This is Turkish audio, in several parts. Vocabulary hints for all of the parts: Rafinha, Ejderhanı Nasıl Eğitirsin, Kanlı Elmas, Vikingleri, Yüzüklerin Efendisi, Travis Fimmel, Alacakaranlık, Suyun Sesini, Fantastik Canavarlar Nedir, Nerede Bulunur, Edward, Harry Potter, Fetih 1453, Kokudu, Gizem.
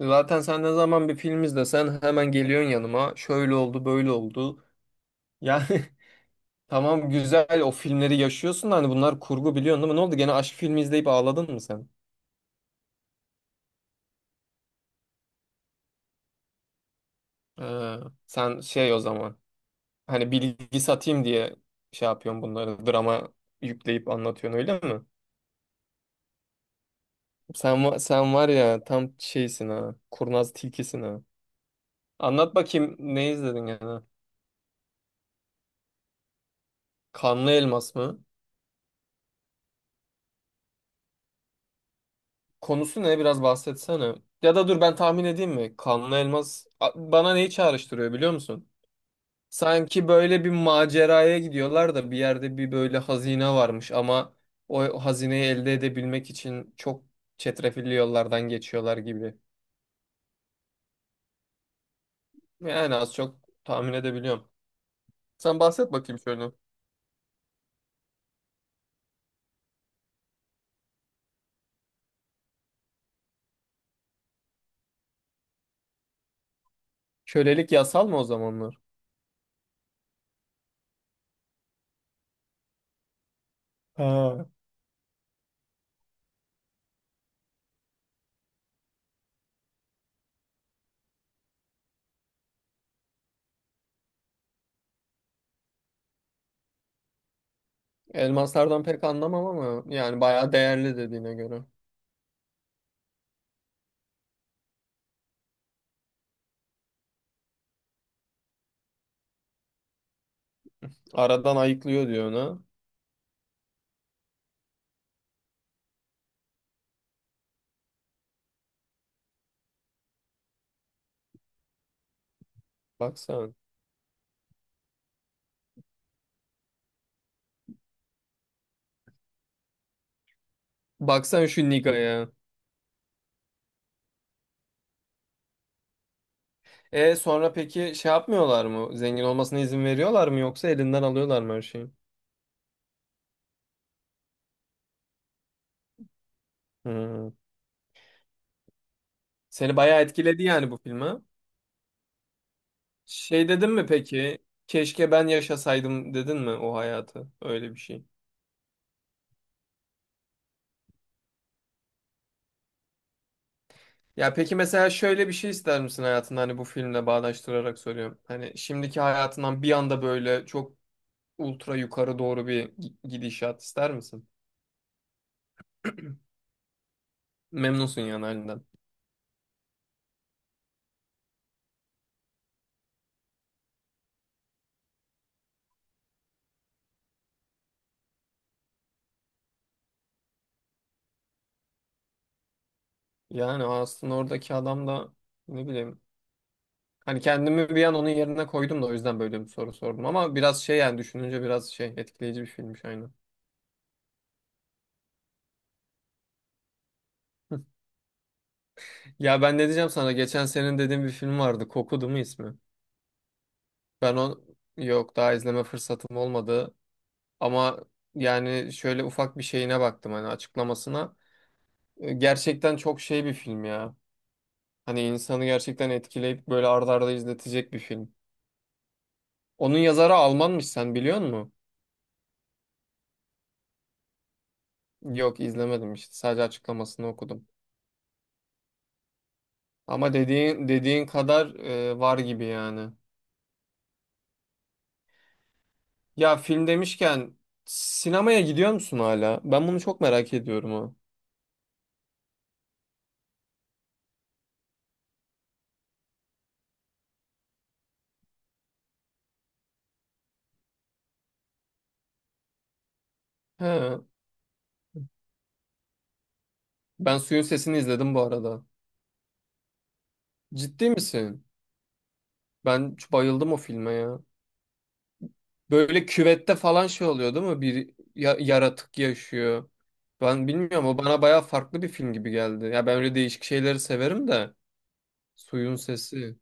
Zaten sen ne zaman bir film izlesen hemen geliyorsun yanıma. Şöyle oldu, böyle oldu. Yani tamam güzel o filmleri yaşıyorsun da hani bunlar kurgu biliyorsun değil mi? Ne oldu? Gene aşk filmi izleyip ağladın mı sen? Ee, sen o zaman hani bilgi satayım diye şey yapıyorsun bunları drama yükleyip anlatıyorsun öyle mi? Sen var ya tam şeysin ha. Kurnaz tilkisin ha. Anlat bakayım ne izledin yani? Kanlı Elmas mı? Konusu ne? Biraz bahsetsene. Ya da dur ben tahmin edeyim mi? Bana neyi çağrıştırıyor biliyor musun? Sanki böyle bir maceraya gidiyorlar da bir yerde bir böyle hazine varmış ama o hazineyi elde edebilmek için çok çetrefilli yollardan geçiyorlar gibi. Yani az çok tahmin edebiliyorum. Sen bahset bakayım şöyle. Kölelik yasal mı o zamanlar? Ha, elmaslardan pek anlamam ama yani bayağı değerli dediğine göre. Aradan ayıklıyor diyor ona. Baksana. Baksan şu Niga'ya. E sonra peki şey yapmıyorlar mı? Zengin olmasına izin veriyorlar mı yoksa elinden alıyorlar mı her şeyi? Hmm. Seni bayağı etkiledi yani bu filme. Şey dedin mi peki? Keşke ben yaşasaydım dedin mi o hayatı? Öyle bir şey. Ya peki mesela şöyle bir şey ister misin hayatında hani bu filmle bağdaştırarak soruyorum. Hani şimdiki hayatından bir anda böyle çok ultra yukarı doğru bir gidişat ister misin? Memnunsun yani halinden. Yani aslında oradaki adam da ne bileyim. Hani kendimi bir an onun yerine koydum da o yüzden böyle bir soru sordum. Ama biraz yani düşününce biraz şey etkileyici bir filmmiş aynen. Ya ben ne diyeceğim sana? Geçen senin dediğin bir film vardı. Kokudu mu ismi? Ben o yok daha izleme fırsatım olmadı. Ama yani şöyle ufak bir şeyine baktım hani açıklamasına. Gerçekten çok şey bir film ya. Hani insanı gerçekten etkileyip böyle arda arda izletecek bir film. Onun yazarı Almanmış sen biliyor musun? Yok izlemedim işte sadece açıklamasını okudum. Ama dediğin kadar var gibi yani. Ya film demişken sinemaya gidiyor musun hala? Ben bunu çok merak ediyorum ha. He, ben Suyun Sesini izledim bu arada. Ciddi misin? Ben çok bayıldım o filme ya. Böyle küvette falan şey oluyor değil mi? Bir yaratık yaşıyor. Ben bilmiyorum o bana bayağı farklı bir film gibi geldi. Ya ben öyle değişik şeyleri severim de. Suyun Sesi.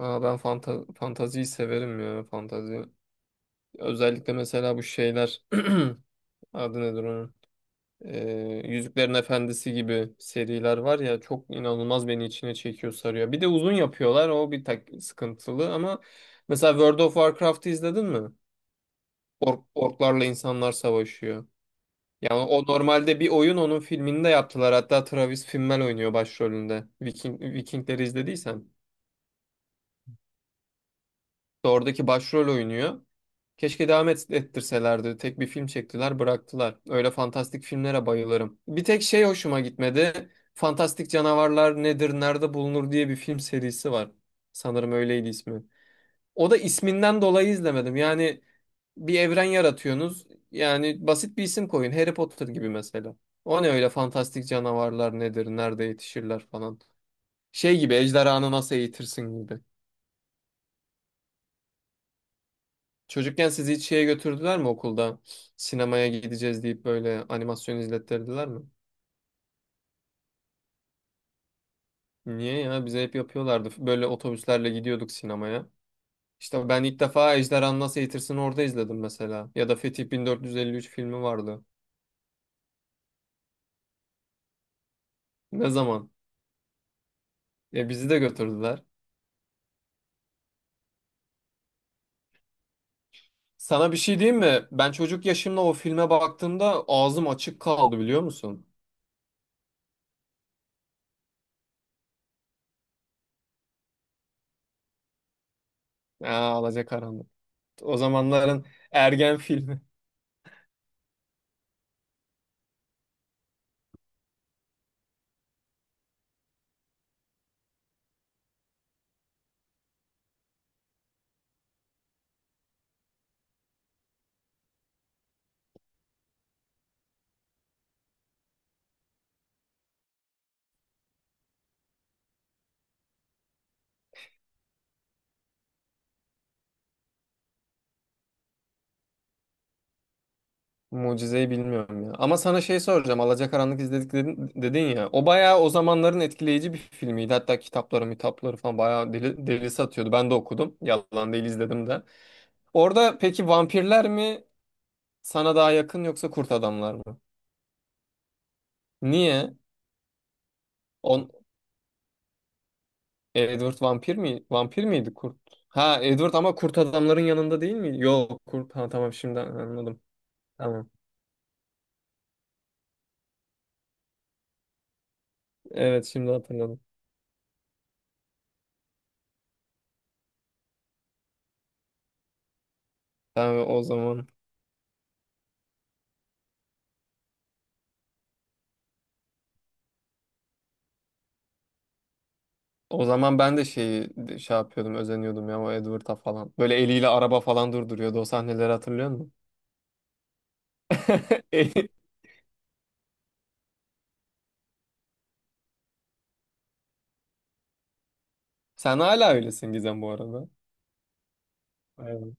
Aa, ben fantaziyi severim ya fantazi. Özellikle mesela bu şeyler. Adı nedir onun? Yüzüklerin Efendisi gibi seriler var ya çok inanılmaz beni içine çekiyor sarıyor. Bir de uzun yapıyorlar o bir tak sıkıntılı ama mesela World of Warcraft'ı izledin mi? Orklarla insanlar savaşıyor. Yani o normalde bir oyun onun filmini de yaptılar. Hatta Travis Fimmel oynuyor başrolünde. Vikingleri izlediysen. İşte oradaki başrol oynuyor. Keşke ettirselerdi. Tek bir film çektiler, bıraktılar. Öyle fantastik filmlere bayılırım. Bir tek şey hoşuma gitmedi. Fantastik Canavarlar Nedir, Nerede Bulunur diye bir film serisi var. Sanırım öyleydi ismi. O da isminden dolayı izlemedim. Yani bir evren yaratıyorsunuz. Yani basit bir isim koyun. Harry Potter gibi mesela. O ne öyle fantastik canavarlar nedir, nerede yetişirler falan. Şey gibi ejderhanı nasıl eğitirsin gibi. Çocukken sizi hiç şeye götürdüler mi okulda? Sinemaya gideceğiz deyip böyle animasyon izlettirdiler mi? Niye ya? Bize hep yapıyorlardı. Böyle otobüslerle gidiyorduk sinemaya. İşte ben ilk defa Ejderhanı Nasıl Eğitirsin'i orada izledim mesela. Ya da Fetih 1453 filmi vardı. Ne zaman? Ya bizi de götürdüler. Sana bir şey diyeyim mi? Ben çocuk yaşımda o filme baktığımda ağzım açık kaldı biliyor musun? Aa, alacakaranlık. O zamanların ergen filmi. Mucizeyi bilmiyorum ya. Ama sana şey soracağım. Alacakaranlık dedin ya. O bayağı o zamanların etkileyici bir filmiydi. Hatta kitapları, mitapları falan bayağı deli satıyordu. Ben de okudum. Yalan değil izledim de. Orada peki vampirler mi sana daha yakın yoksa kurt adamlar mı? Niye? On, Edward vampir mi? Vampir miydi kurt? Ha Edward ama kurt adamların yanında değil mi? Yok kurt. Ha tamam şimdi anladım. Tamam. Evet şimdi hatırladım. Tamam o zaman. O zaman ben de şeyi şey yapıyordum, özeniyordum ya o Edward'a falan. Böyle eliyle araba falan durduruyordu. O sahneleri hatırlıyor musun? Eli- Sen hala öylesin Gizem bu arada. Evet.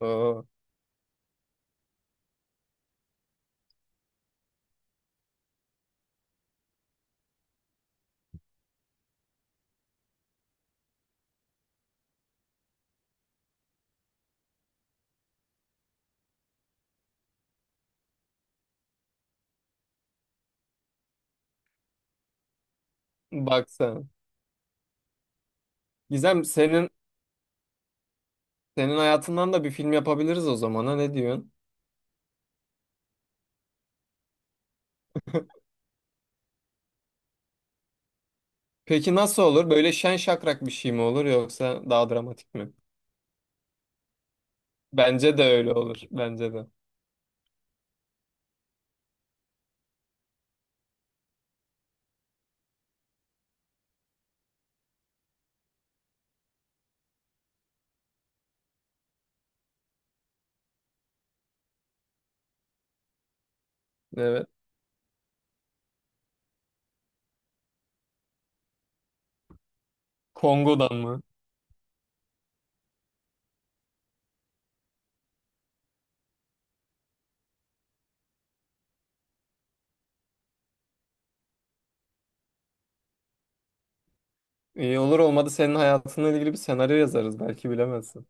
Oo. Bak sen. Gizem, senin hayatından da bir film yapabiliriz o zaman ha ne diyorsun? Peki nasıl olur? Böyle şen şakrak bir şey mi olur yoksa daha dramatik mi? Bence de öyle olur. Bence de. Evet. Kongo'dan mı? İyi olur olmadı senin hayatınla ilgili bir senaryo yazarız belki bilemezsin.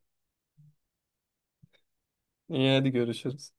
İyi hadi görüşürüz.